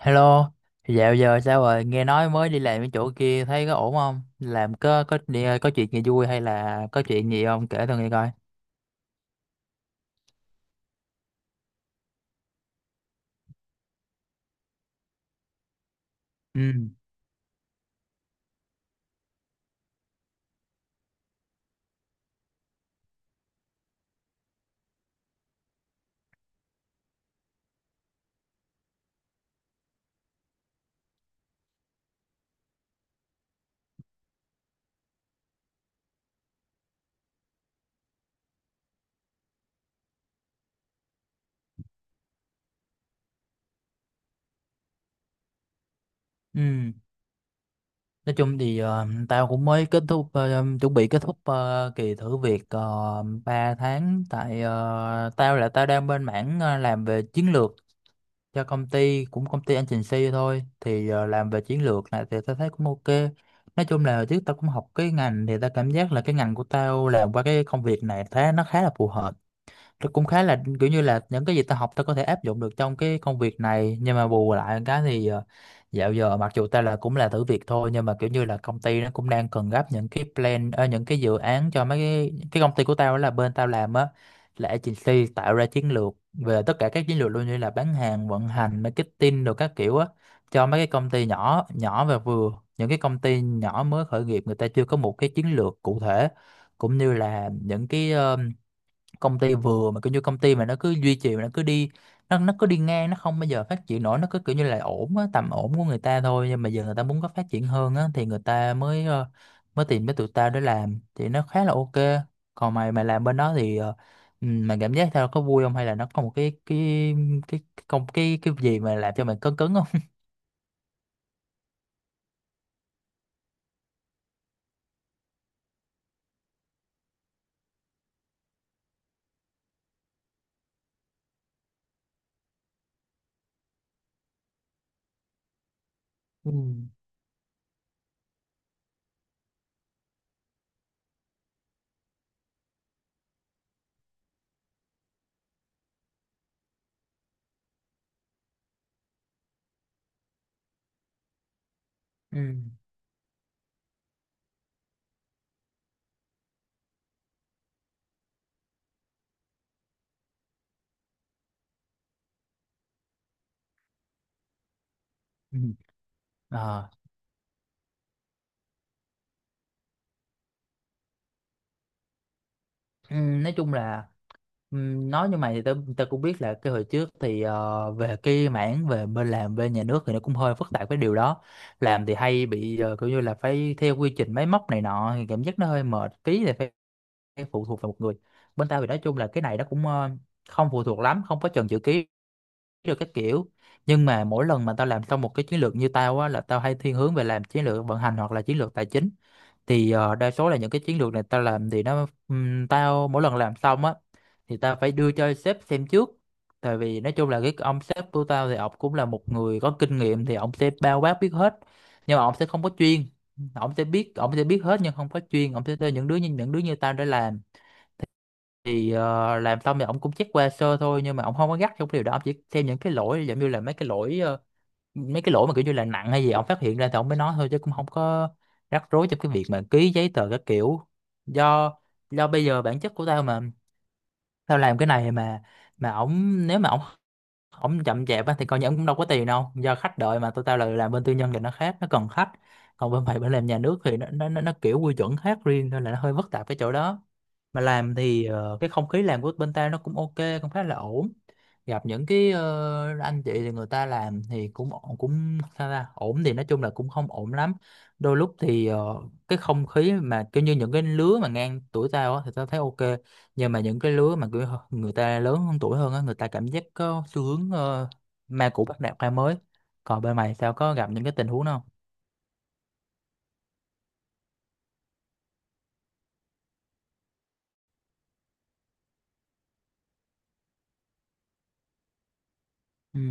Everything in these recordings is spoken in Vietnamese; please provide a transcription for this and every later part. Hello, dạo giờ sao rồi? Nghe nói mới đi làm cái chỗ kia thấy có ổn không? Làm có đi- có chuyện gì vui hay là có chuyện gì không? Kể tao nghe coi. Ừ, ừ. Nói chung thì tao cũng mới kết thúc chuẩn bị kết thúc kỳ thử việc 3 tháng tại tao là tao đang bên mảng làm về chiến lược cho công ty cũng công ty anh trình agency thôi thì làm về chiến lược này thì tao thấy cũng ok. Nói chung là trước tao cũng học cái ngành thì tao cảm giác là cái ngành của tao làm qua cái công việc này thấy nó khá là phù hợp, nó cũng khá là kiểu như là những cái gì ta học ta có thể áp dụng được trong cái công việc này, nhưng mà bù lại cái thì dạo giờ mặc dù ta là cũng là thử việc thôi nhưng mà kiểu như là công ty nó cũng đang cần gấp những cái plan, những cái dự án cho mấy cái công ty của tao đó, là bên tao làm á là agency tạo ra chiến lược, về tất cả các chiến lược luôn, như là bán hàng, vận hành, marketing rồi các kiểu á, cho mấy cái công ty nhỏ nhỏ và vừa, những cái công ty nhỏ mới khởi nghiệp người ta chưa có một cái chiến lược cụ thể, cũng như là những cái công ty vừa mà kiểu như công ty mà nó cứ duy trì mà nó cứ đi, nó cứ đi ngang, nó không bao giờ phát triển nổi, nó cứ kiểu như là ổn á, tầm ổn của người ta thôi, nhưng mà giờ người ta muốn có phát triển hơn á thì người ta mới mới tìm tới tụi tao để làm thì nó khá là ok. Còn mày mày làm bên đó thì ừ, mày cảm giác tao có vui không, hay là nó có một cái cái công cái gì mà làm cho mày cứng cứng không? Ừ, ừ. Ừ. Ờ. Ừ, nói chung là nói như mày thì tao tao cũng biết là cái hồi trước thì về cái mảng về bên làm bên nhà nước thì nó cũng hơi phức tạp cái điều đó. Làm thì hay bị kiểu như là phải theo quy trình máy móc này nọ thì cảm giác nó hơi mệt tí thì phải, phải phụ thuộc vào một người. Bên tao thì nói chung là cái này nó cũng không phụ thuộc lắm, không có chần chữ ký được các kiểu. Nhưng mà mỗi lần mà tao làm xong một cái chiến lược như tao á, là tao hay thiên hướng về làm chiến lược vận hành hoặc là chiến lược tài chính, thì đa số là những cái chiến lược này tao làm thì nó, tao mỗi lần làm xong á thì tao phải đưa cho sếp xem trước, tại vì nói chung là cái ông sếp của tao thì ông cũng là một người có kinh nghiệm thì ông sẽ bao quát biết hết, nhưng mà ông sẽ không có chuyên. Ông sẽ biết, ông sẽ biết hết nhưng không có chuyên, ông sẽ cho những đứa như tao để làm. Thì làm xong thì ông cũng check qua sơ thôi, nhưng mà ông không có gắt trong cái điều đó, ông chỉ xem những cái lỗi giống như là mấy cái lỗi mấy cái lỗi mà kiểu như là nặng hay gì ông phát hiện ra thì ông mới nói thôi, chứ cũng không có rắc rối trong cái việc mà ký giấy tờ các kiểu. Do do bây giờ bản chất của tao mà, tao làm cái này mà ổng nếu mà ổng, ổng chậm chạp á thì coi như ổng cũng đâu có tiền đâu, do khách đợi mà. Tụi tao là làm bên tư nhân thì nó khác, nó cần khách, còn bên phải bên làm nhà nước thì nó kiểu quy chuẩn khác riêng nên là nó hơi phức tạp cái chỗ đó. Mà làm thì cái không khí làm của bên tao nó cũng ok, cũng khá là ổn. Gặp những cái anh chị thì người ta làm thì cũng ổn- cũng sao ta, ổn thì nói chung là cũng không ổn lắm. Đôi lúc thì cái không khí mà kiểu như những cái lứa mà ngang tuổi tao á thì tao thấy ok, nhưng mà những cái lứa mà kiểu người ta lớn hơn tuổi hơn á, người ta cảm giác có xu hướng ma cũ bắt nạt ma mới. Còn bên mày sao, có gặp những cái tình huống đó không? Ừ,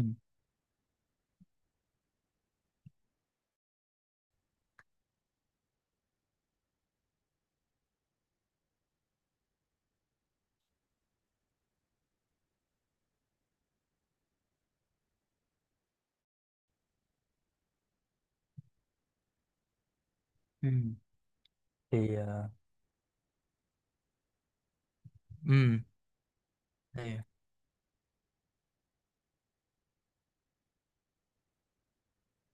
ừ thì ừ thì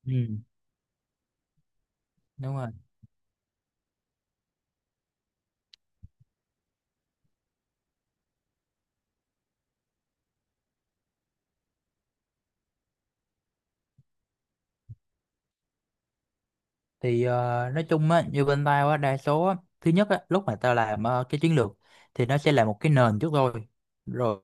ừ, đúng rồi. Thì nói chung á như bên tao á, đa số á, thứ nhất á lúc mà tao làm cái chiến lược thì nó sẽ là một cái nền trước rồi, rồi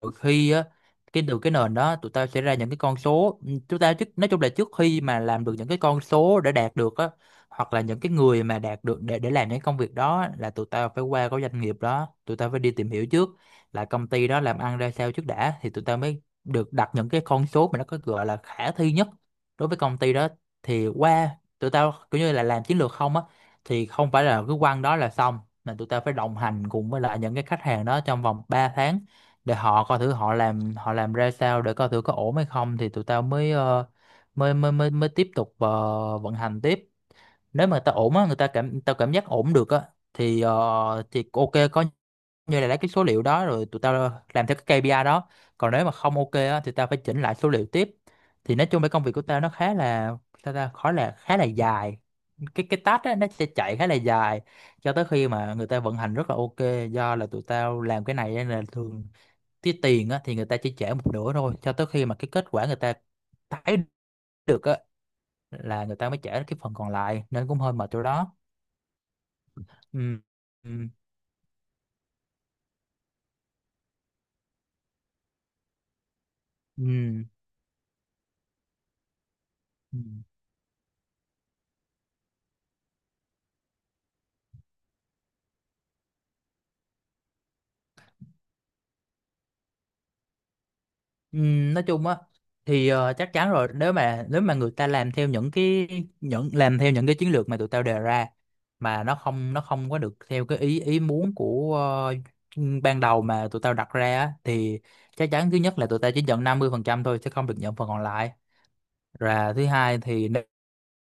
đôi khi á cái từ cái nền đó tụi tao sẽ ra những cái con số. Ừ, chúng ta trước, nói chung là trước khi mà làm được những cái con số để đạt được á, hoặc là những cái người mà đạt được để làm những công việc đó á, là tụi tao phải qua cái doanh nghiệp đó, tụi tao phải đi tìm hiểu trước là công ty đó làm ăn ra sao trước đã, thì tụi tao mới được đặt những cái con số mà nó có gọi là khả thi nhất đối với công ty đó. Thì qua, tụi tao kiểu như là làm chiến lược không á thì không phải là cứ quăng đó là xong, mà tụi tao phải đồng hành cùng với lại những cái khách hàng đó trong vòng 3 tháng, để họ coi thử họ làm, họ làm ra sao để coi thử có ổn hay không, thì tụi tao mới mới mới mới mới tiếp tục vận hành tiếp. Nếu mà người ta ổn á, người ta cảm tao cảm giác ổn được á thì thì ok, có như là lấy cái số liệu đó rồi tụi tao làm theo cái KPI đó. Còn nếu mà không ok á thì tao phải chỉnh lại số liệu tiếp. Thì nói chung cái công việc của tao nó khá là, sao ta, khá là, khá là dài. Cái task á nó sẽ chạy khá là dài, cho tới khi mà người ta vận hành rất là ok. Do là tụi tao làm cái này nên là thường cái tiền á, thì người ta chỉ trả một nửa thôi, cho tới khi mà cái kết quả người ta thấy được á là người ta mới trả cái phần còn lại, nên cũng hơi mệt chỗ đó. Ừ. Ừ. Ừ. Ừ. Ừ. Nói chung á thì chắc chắn rồi, nếu mà người ta làm theo những cái, những làm theo những cái chiến lược mà tụi tao đề ra, mà nó không, nó không có được theo cái ý ý muốn của ban đầu mà tụi tao đặt ra á, thì chắc chắn thứ nhất là tụi tao chỉ nhận 50% thôi, sẽ không được nhận phần còn lại. Và thứ hai thì nếu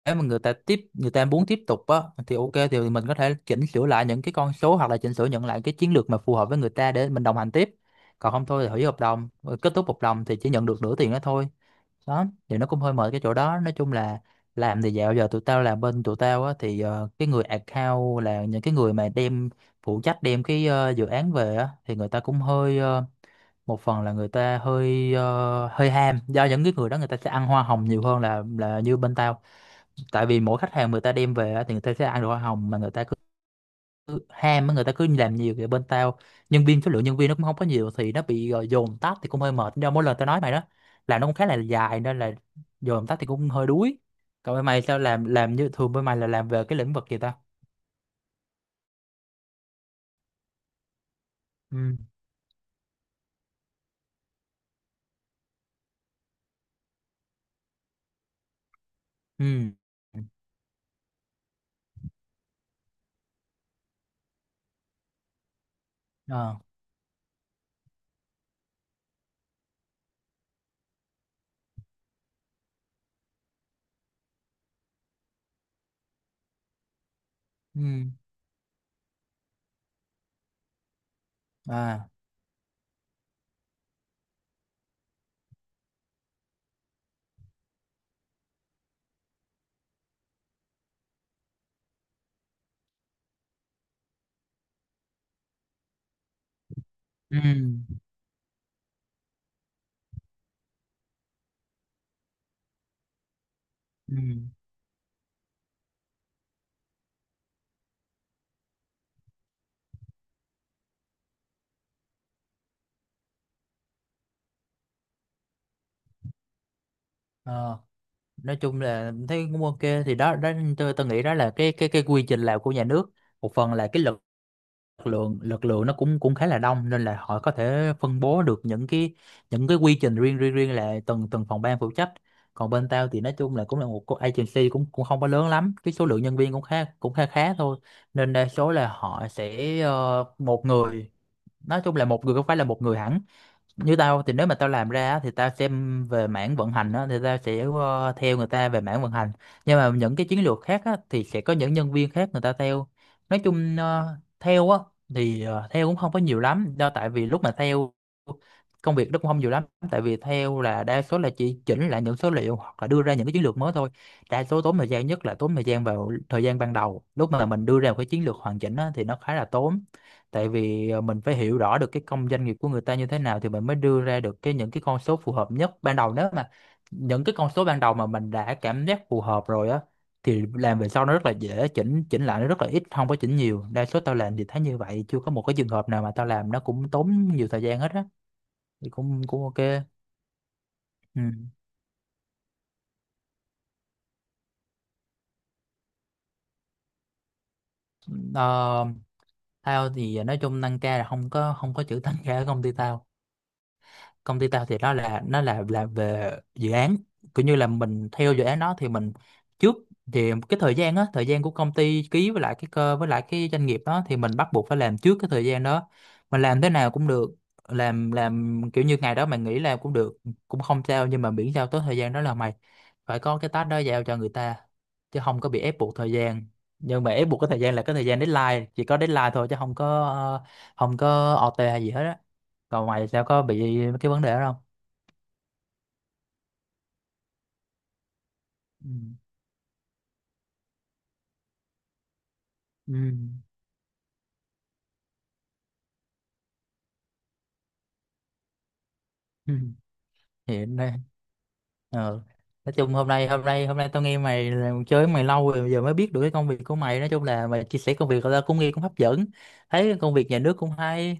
mà người ta tiếp, người ta muốn tiếp tục á thì ok, thì mình có thể chỉnh sửa lại những cái con số, hoặc là chỉnh sửa nhận lại cái chiến lược mà phù hợp với người ta để mình đồng hành tiếp. Còn không thôi thì hủy hợp đồng, rồi kết thúc hợp đồng thì chỉ nhận được nửa tiền đó thôi. Đó, thì nó cũng hơi mệt cái chỗ đó. Nói chung là làm thì dạo giờ tụi tao làm, bên tụi tao á thì cái người account là những cái người mà đem phụ trách đem cái dự án về á, thì người ta cũng hơi một phần là người ta hơi hơi ham, do những cái người đó người ta sẽ ăn hoa hồng nhiều hơn là như bên tao. Tại vì mỗi khách hàng người ta đem về á, thì người ta sẽ ăn được hoa hồng, mà người ta cứ ham á, người ta cứ làm nhiều. Vậy bên tao nhân viên, số lượng nhân viên nó cũng không có nhiều, thì nó bị dồn tắt thì cũng hơi mệt, do mỗi lần tao nói mày đó, làm nó cũng khá là dài nên là dồn tắt thì cũng hơi đuối. Còn bên mày sao, làm như thường bên mày là làm về cái lĩnh vực gì ta? Ừ, ừ. Ờ. Ừ. À. Ừ, ừ. Ờ. Nói chung là thấy cũng ok. Thì đó đó, tôi nghĩ đó là cái quy trình làm của nhà nước. Một phần là cái lực lượng nó cũng cũng khá là đông nên là họ có thể phân bố được những cái quy trình riêng riêng riêng là từng từng phòng ban phụ trách. Còn bên tao thì nói chung là cũng là một cái agency cũng cũng không có lớn lắm, cái số lượng nhân viên cũng khá, khá thôi. Nên đa số là họ sẽ một người, nói chung là một người, không phải là một người hẳn. Như tao thì nếu mà tao làm ra á, thì tao xem về mảng vận hành á, thì tao sẽ theo người ta về mảng vận hành. Nhưng mà những cái chiến lược khác á, thì sẽ có những nhân viên khác người ta theo. Nói chung theo á, thì theo cũng không có nhiều lắm, do tại vì lúc mà theo công việc nó cũng không nhiều lắm. Tại vì theo là đa số là chỉ chỉnh lại những số liệu hoặc là đưa ra những cái chiến lược mới thôi. Đa số tốn thời gian nhất là tốn thời gian vào thời gian ban đầu, lúc mà mình đưa ra một cái chiến lược hoàn chỉnh á, thì nó khá là tốn. Tại vì mình phải hiểu rõ được cái công doanh nghiệp của người ta như thế nào thì mình mới đưa ra được những cái con số phù hợp nhất ban đầu. Nếu mà những cái con số ban đầu mà mình đã cảm giác phù hợp rồi á, thì làm về sau nó rất là dễ chỉnh, chỉnh lại nó rất là ít, không có chỉnh nhiều. Đa số tao làm thì thấy như vậy, chưa có một cái trường hợp nào mà tao làm nó cũng tốn nhiều thời gian hết á. Thì cũng cũng ok. Ừ. Ờ, tao thì nói chung tăng ca là không có, không có chữ tăng ca ở công ty tao. Công ty tao thì nó là về dự án, cũng như là mình theo dự án đó thì mình trước, thì cái thời gian á, thời gian của công ty ký với lại cái cơ với lại cái doanh nghiệp đó, thì mình bắt buộc phải làm trước cái thời gian đó. Mình làm thế nào cũng được, làm kiểu như ngày đó mày nghỉ làm cũng được, cũng không sao, nhưng mà miễn sao tới thời gian đó là mày phải có cái task đó giao cho người ta, chứ không có bị ép buộc thời gian. Nhưng mà ép buộc cái thời gian là cái thời gian deadline, chỉ có deadline thôi, chứ không có không có OT hay gì hết á. Còn mày sao, có bị cái vấn đề đó không? Ừ. Ừ. Ừ. Hiện đây ờ nói chung hôm nay, hôm nay tao nghe mày là- chơi với mày lâu rồi giờ mới biết được cái công việc của mày. Nói chung là mày chia sẻ công việc tao cũng nghe cũng hấp dẫn, thấy cái công việc nhà nước cũng hay.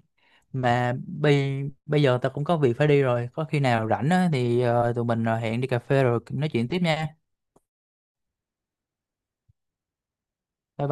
Mà bây bây giờ tao cũng có việc phải đi rồi, có khi nào rảnh á, thì tụi mình hẹn đi cà phê rồi nói chuyện tiếp nha.